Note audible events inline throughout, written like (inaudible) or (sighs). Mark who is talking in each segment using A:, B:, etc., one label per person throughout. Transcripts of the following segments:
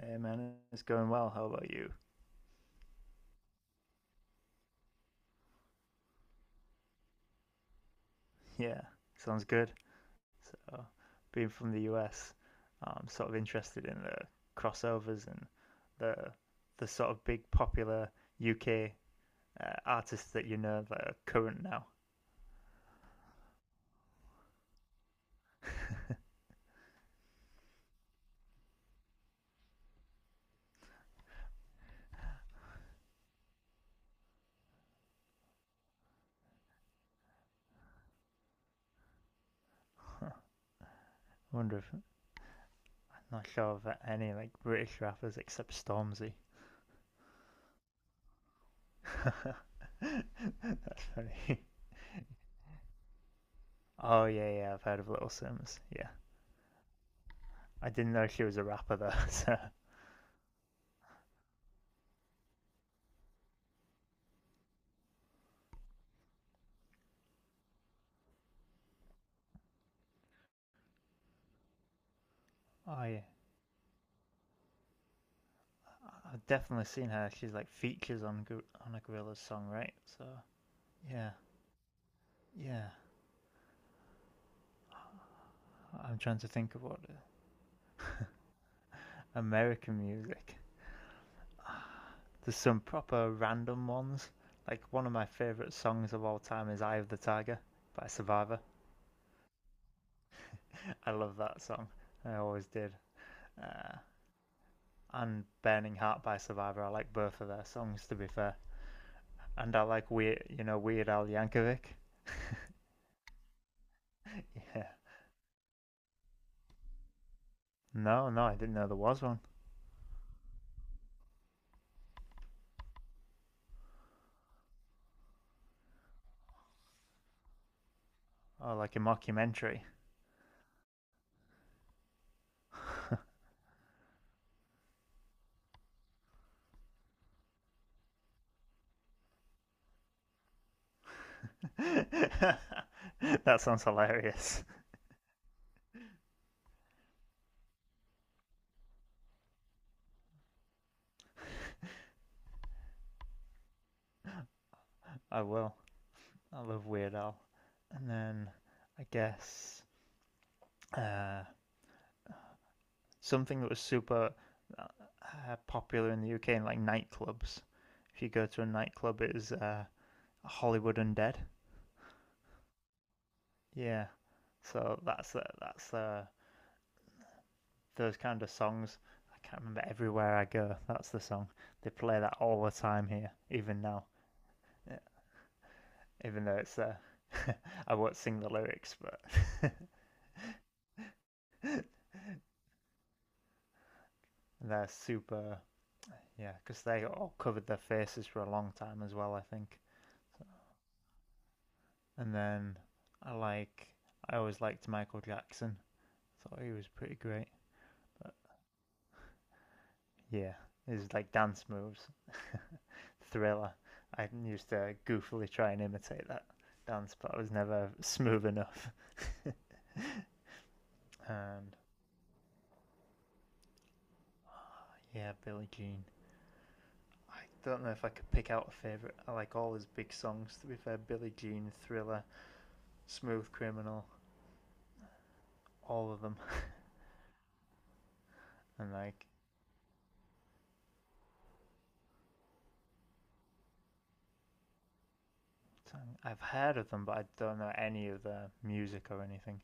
A: Hey man, it's going well. How about you? Yeah, sounds good. So, being from the US, I'm sort of interested in the crossovers and the the sort of big popular UK artists that you know that are current now. (laughs) I wonder if not sure of any like British rappers except Stormzy. (laughs) That's funny. (laughs) Oh yeah, yeah, I've heard of Little Sims. Yeah, I didn't know she was a rapper though. (laughs) So. Oh yeah, I've definitely seen her. She's like features on a Gorilla's song, right? So yeah, yeah. I'm trying to think of what American music. There's some proper random ones. Like one of my favorite songs of all time is "Eye of the Tiger" by Survivor. I love that song. I always did. Uh, and "Burning Heart" by Survivor. I like both of their songs, to be fair. And I like weird, you know, Weird Al Yankovic. (laughs) Yeah. No, no, I didn't know there was one. Oh, like a mockumentary. (laughs) That sounds hilarious. I will. I love Weird Al. And then I guess uh, something that was super uh, popular in the UK in like nightclubs. If you go to a nightclub, it is Hollywood Undead. Yeah. So that's the those kind of songs. I can't remember everywhere I go. That's the song they play that all the time here, even now. Yeah. Even though it's (laughs) I won't sing the lyrics, but. (laughs) They're super, yeah, because they all covered their faces for a long time as well, I think. And then I like, I always liked Michael Jackson. Thought he was pretty great. But yeah, his like dance moves, (laughs) thriller. I used to goofily try and imitate that dance, but I was never smooth enough. (laughs) And yeah, Billie Jean. I don't know if I could pick out a favorite. I like all his big songs. To be fair, Billie Jean, Thriller, Smooth Criminal, all of them. And like I've heard of them, but I don't know any of their music or anything.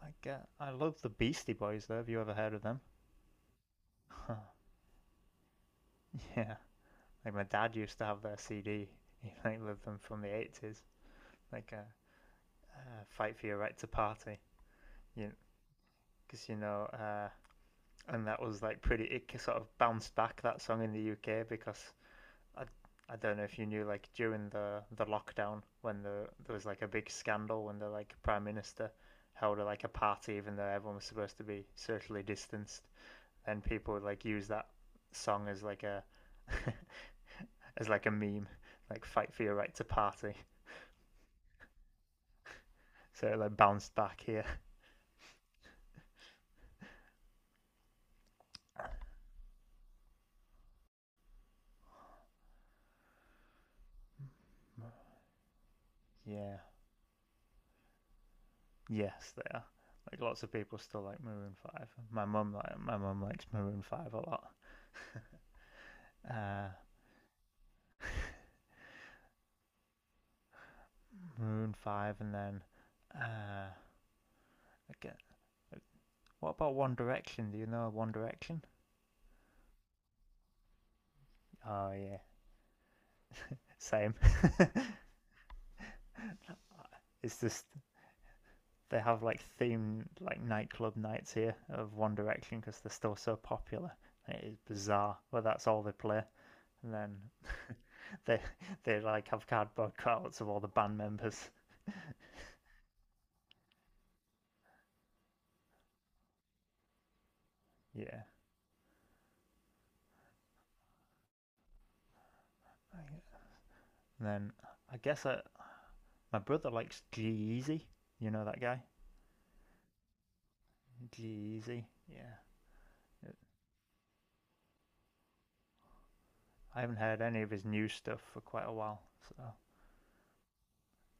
A: I get. I love the Beastie Boys, though. Have you ever heard of them? (laughs) Yeah. Like my dad used to have their CD. (laughs) He like loved them from the 80s, like "Fight for Your Right to Party," you because you know, and that was like pretty. It sort of bounced back that song in the UK because I, I don't know if you knew, like during the lockdown when the there was like a big scandal when the like prime minister held like a party even though everyone was supposed to be socially distanced, then people would like use that song as like a (laughs) as like a meme, like fight for your right to party. So it like bounced back here. Yeah. Yes, they are. Like lots of people still like Maroon Five. My mum likes Maroon Five a lot. Uh, Maroon Five, and then uh, like, uh, what about One Direction? Do you know One Direction? Oh yeah, same. (laughs) It's just they have like themed like nightclub nights here of One Direction because they're still so popular. And it is bizarre, but that's all they play. And then (laughs) they they like have cardboard cutouts of all the band members. Yeah. And then I guess my brother likes G eazy. You know that guy? G eazy. Yeah. I haven't heard any of his new stuff for quite a while, so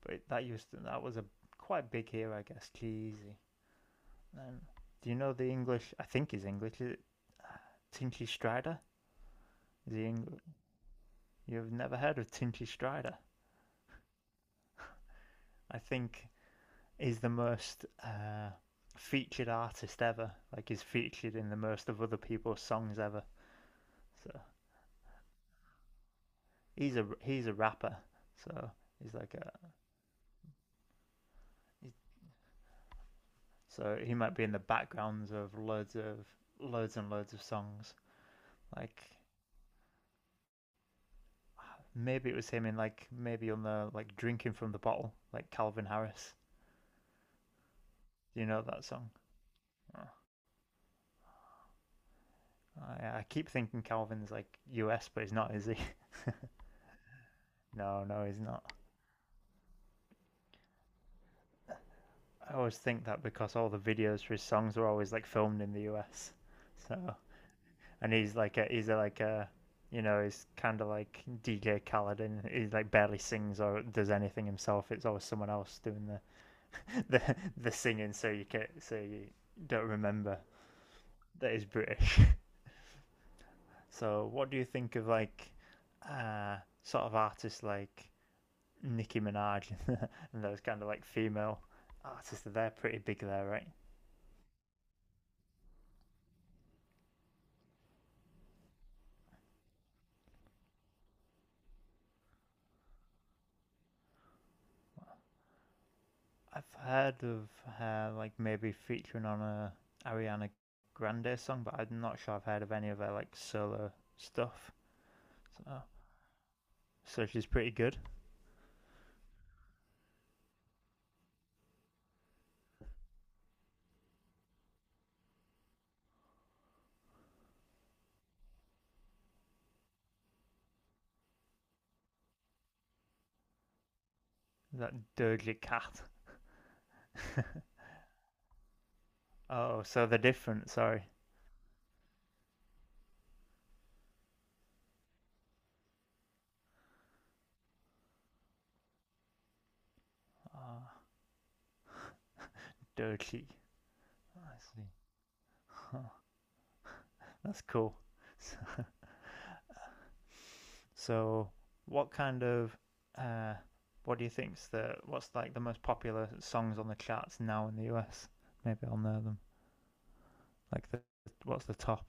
A: But that used to, that was a quite big here, I guess. Cheesy. Um, do you know the English? I think he's English. Is it Tinchy Strider? Is he English? You've never heard of Tinchy Strider? I think he's the most featured artist ever. Like he's featured in the most of other people's songs ever. So he's a rapper. So he's like a he's, so he might be in the backgrounds of loads and loads of songs. Like maybe it was him in like maybe on the like drinking from the bottle, like Calvin Harris. Do you know that song? Oh, I keep thinking Calvin's like US, but he's not, is he? (laughs) No, no, he's not. I always think that because all the videos for his songs are always like filmed in the US. So and he's like like a you know he's kind of like DJ Khaled and he like barely sings or does anything himself. It's always someone else doing the (laughs) the, the singing, so you can so you don't remember that he's British. (laughs) So, what do you think of like uh, sort of artists like Nicki Minaj (laughs) and those kind of like female artists? They're pretty big there, right? I've heard of her like maybe featuring on a Ariana Grande song, but I'm not sure I've heard of any of her like solo stuff. So, so she's pretty good. That dirty cat. (laughs) Oh, so they're different. Sorry. Oh, dirty. I see. Oh, that's cool. So, what kind of uh, what do you think's the what's like the most popular songs on the charts now in the US? Maybe I'll know them. Like the what's the top?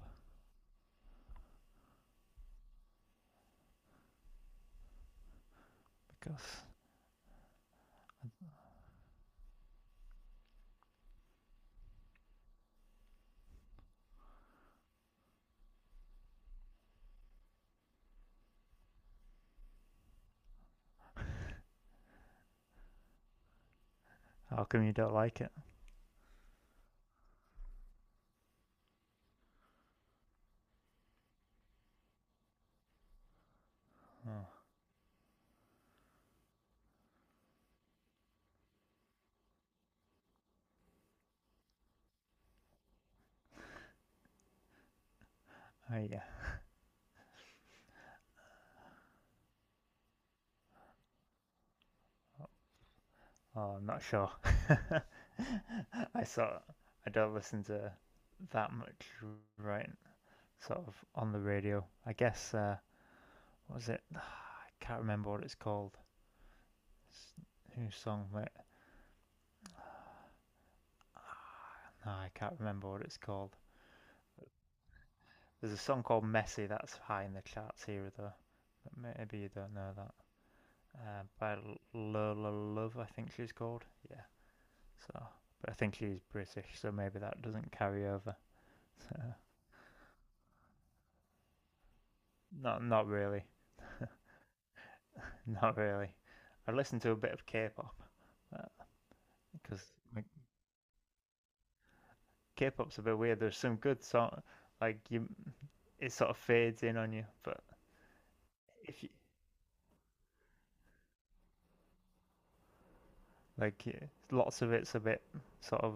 A: Because how come you don't like it? Oh, oh yeah. Oh, I'm not sure. (laughs) I sort of- I don't listen to that much right sort of on the radio. I guess what was it? (sighs) Oh, I can't remember what it's called. It's, whose song? Wait, no, I can't remember what it's called. There's a song called Messy that's high in the charts here, though. But maybe you don't know that. By Lola Love, I think she's called. Yeah. So, but I think she's British, so maybe that doesn't carry over. (laughs) So, not, not really. (laughs) Not really. I listened to a bit of K-pop because like, K-pop's a bit weird. There's some good song, like you, it sort of fades in on you. But if you like, yeah, lots of it's a bit sort of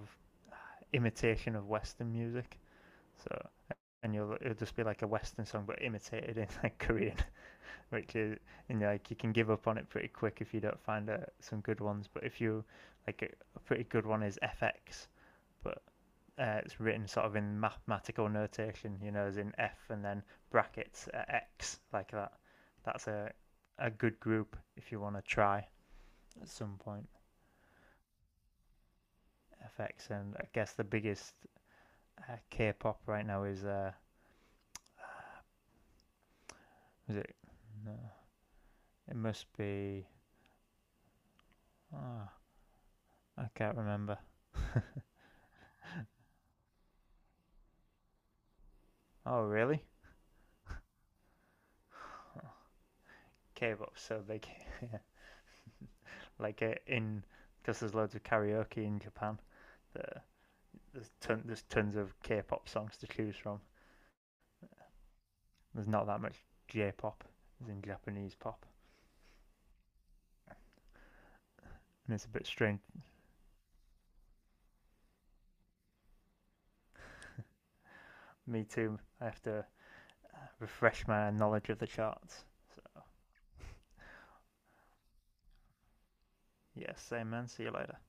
A: imitation of Western music. So and you'll it'll just be like a Western song, but imitated in (laughs) like Korean, which is and like you can give up on it pretty quick if you don't find some good ones. But if you like a pretty good one is FX, but it's written sort of in mathematical notation, you know, as in F and then brackets X like that. That's a good group if you want to try at some point. FX and I guess the biggest K-pop right now is it? No, it must be. Ah, I can't remember. Oh, really? K-pop, so they can, (laughs) like in because there's loads of karaoke in Japan. There, there's tons of K-pop songs to choose from. There's not that much J-pop, as in Japanese pop, and it's a bit strange. Me too. I have to refresh my knowledge of the charts. So, yeah, same man. See you later.